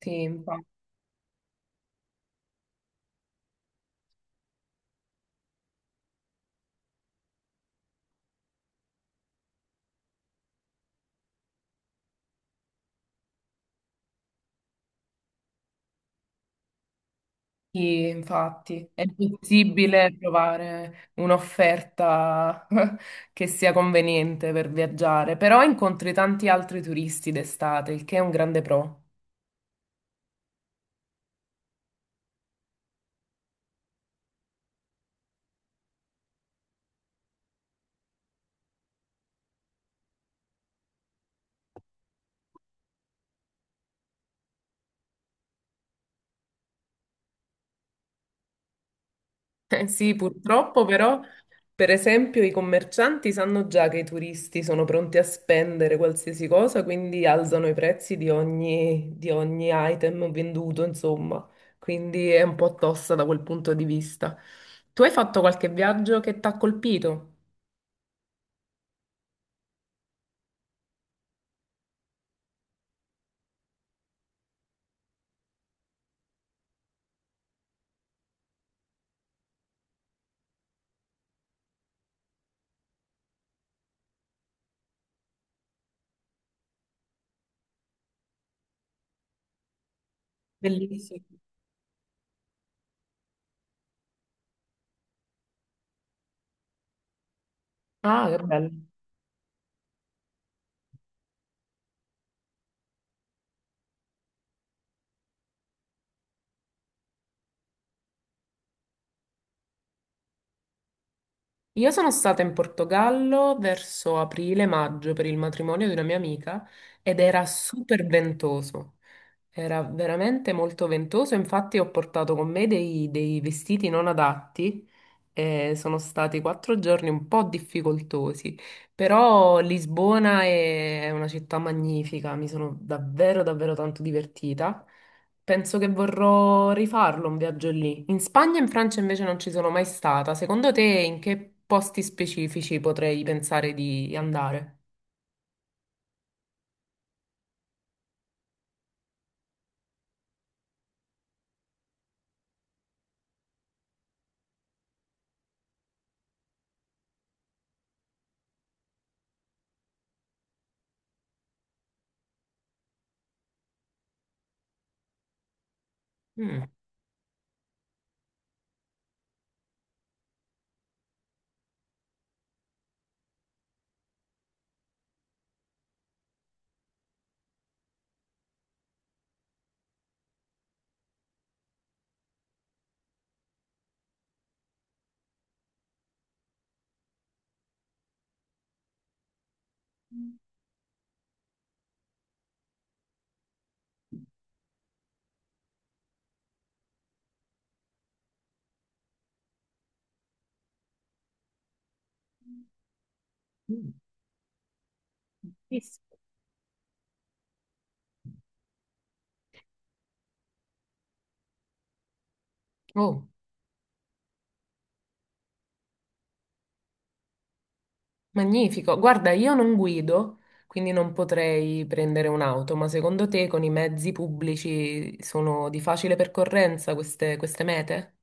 Sì, infatti, infatti è possibile trovare un'offerta che sia conveniente per viaggiare, però incontri tanti altri turisti d'estate, il che è un grande pro. Eh sì, purtroppo però, per esempio, i commercianti sanno già che i turisti sono pronti a spendere qualsiasi cosa, quindi alzano i prezzi di ogni item venduto, insomma. Quindi è un po' tosta da quel punto di vista. Tu hai fatto qualche viaggio che ti ha colpito? Bellissimo. Ah, che bello. Io sono stata in Portogallo verso aprile-maggio per il matrimonio di una mia amica ed era super ventoso, era veramente molto ventoso, infatti ho portato con me dei vestiti non adatti e sono stati quattro giorni un po' difficoltosi, però Lisbona è una città magnifica, mi sono davvero davvero tanto divertita. Penso che vorrò rifarlo un viaggio lì. In Spagna e in Francia invece non ci sono mai stata. Secondo te in che posti specifici potrei pensare di andare? Mm. Mm. Bellissimo. Oh, magnifico. Guarda, io non guido, quindi non potrei prendere un'auto, ma secondo te con i mezzi pubblici sono di facile percorrenza queste mete?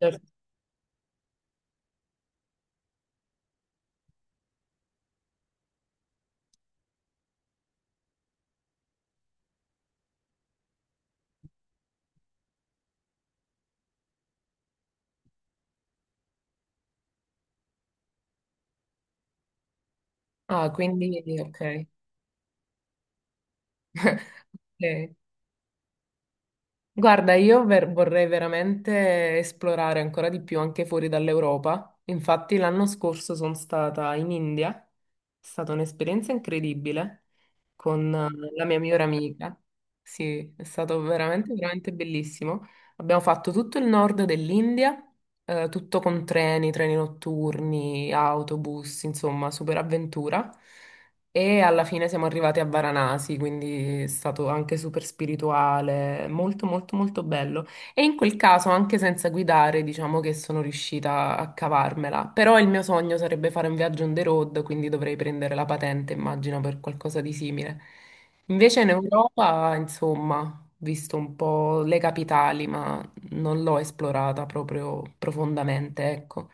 Certo. Ah, quindi ok. Ok. Guarda, vorrei veramente esplorare ancora di più anche fuori dall'Europa. Infatti l'anno scorso sono stata in India, è stata un'esperienza incredibile con la mia migliore amica. Sì, è stato veramente, veramente bellissimo. Abbiamo fatto tutto il nord dell'India, tutto con treni, treni notturni, autobus, insomma, super avventura. E alla fine siamo arrivati a Varanasi, quindi è stato anche super spirituale, molto, molto, molto bello. E in quel caso, anche senza guidare, diciamo che sono riuscita a cavarmela. Però il mio sogno sarebbe fare un viaggio on the road, quindi dovrei prendere la patente, immagino, per qualcosa di simile. Invece in Europa, insomma, ho visto un po' le capitali, ma non l'ho esplorata proprio profondamente, ecco.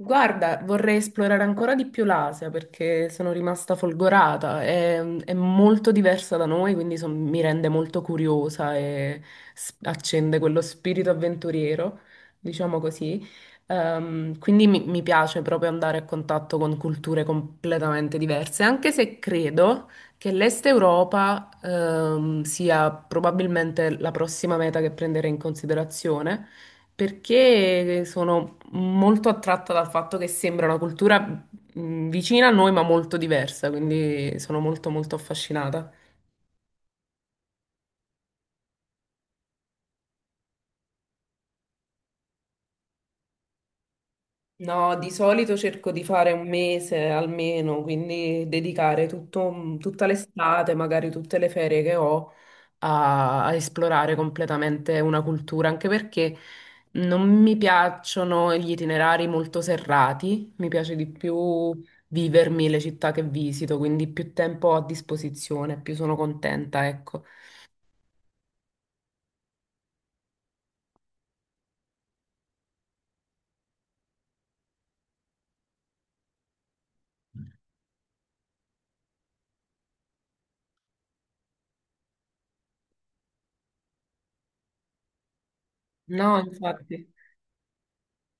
Guarda, vorrei esplorare ancora di più l'Asia perché sono rimasta folgorata. È molto diversa da noi, quindi mi rende molto curiosa e accende quello spirito avventuriero, diciamo così. Quindi mi piace proprio andare a contatto con culture completamente diverse, anche se credo che l'Est Europa, sia probabilmente la prossima meta che prenderei in considerazione perché sono molto attratta dal fatto che sembra una cultura vicina a noi, ma molto diversa, quindi sono molto molto affascinata. No, di solito cerco di fare un mese almeno, quindi dedicare tutta l'estate, magari tutte le ferie che ho, a esplorare completamente una cultura, anche perché non mi piacciono gli itinerari molto serrati, mi piace di più vivermi le città che visito, quindi più tempo ho a disposizione, più sono contenta, ecco. No, infatti.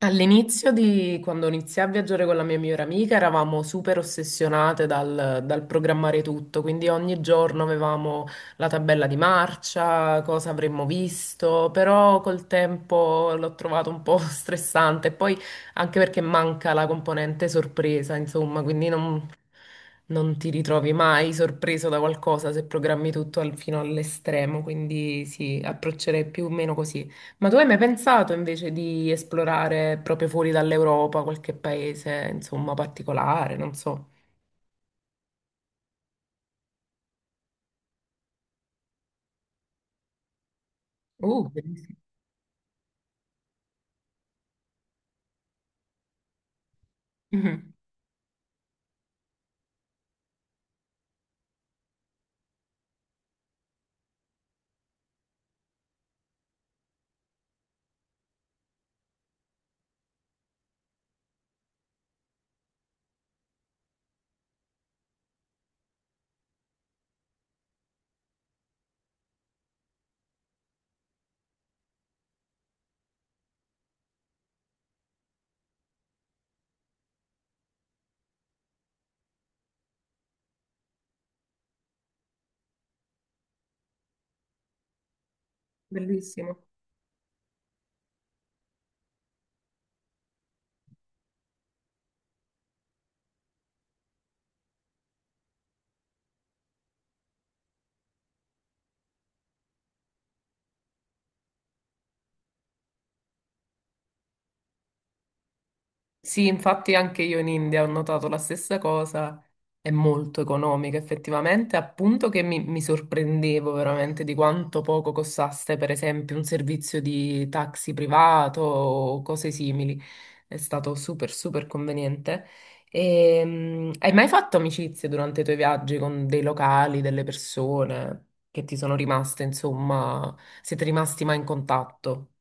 All'inizio di quando iniziai a viaggiare con la mia migliore amica eravamo super ossessionate dal programmare tutto, quindi ogni giorno avevamo la tabella di marcia, cosa avremmo visto, però col tempo l'ho trovato un po' stressante, poi anche perché manca la componente sorpresa, insomma, quindi non ti ritrovi mai sorpreso da qualcosa se programmi tutto fino all'estremo, quindi sì, approccerei più o meno così. Ma tu hai mai pensato invece di esplorare proprio fuori dall'Europa qualche paese, insomma, particolare, non so. Bellissimo. Mhm. Bellissimo. Sì, infatti anche io in India ho notato la stessa cosa, è molto economica effettivamente, appunto che mi sorprendevo veramente di quanto poco costasse per esempio un servizio di taxi privato o cose simili, è stato super super conveniente. E, hai mai fatto amicizie durante i tuoi viaggi con dei locali, delle persone che ti sono rimaste, insomma, siete rimasti mai in contatto?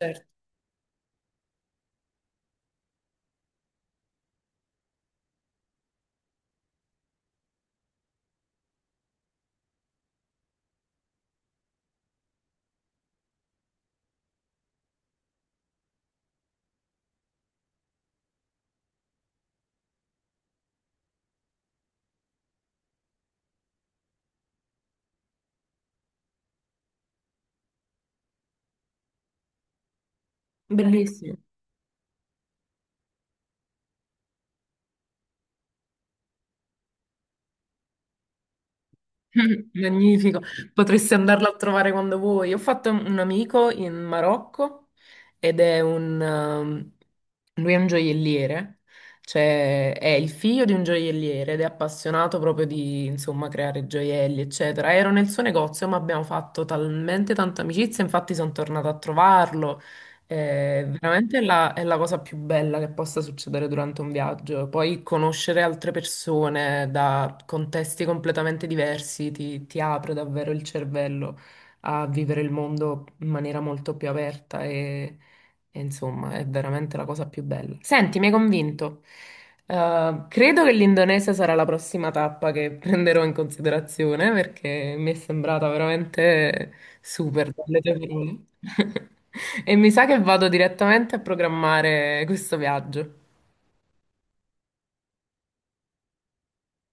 Certo. Bellissimo. Magnifico, potresti andarla a trovare quando vuoi. Ho fatto un amico in Marocco ed è un, lui è un gioielliere, cioè è il figlio di un gioielliere ed è appassionato proprio di, insomma, creare gioielli, eccetera. Ero nel suo negozio, ma abbiamo fatto talmente tanta amicizia, infatti sono tornata a trovarlo. Veramente è la cosa più bella che possa succedere durante un viaggio. Poi conoscere altre persone da contesti completamente diversi ti apre davvero il cervello a vivere il mondo in maniera molto più aperta e insomma è veramente la cosa più bella. Senti, mi hai convinto. Credo che l'Indonesia sarà la prossima tappa che prenderò in considerazione perché mi è sembrata veramente super, dalle tue parole. E mi sa che vado direttamente a programmare questo viaggio.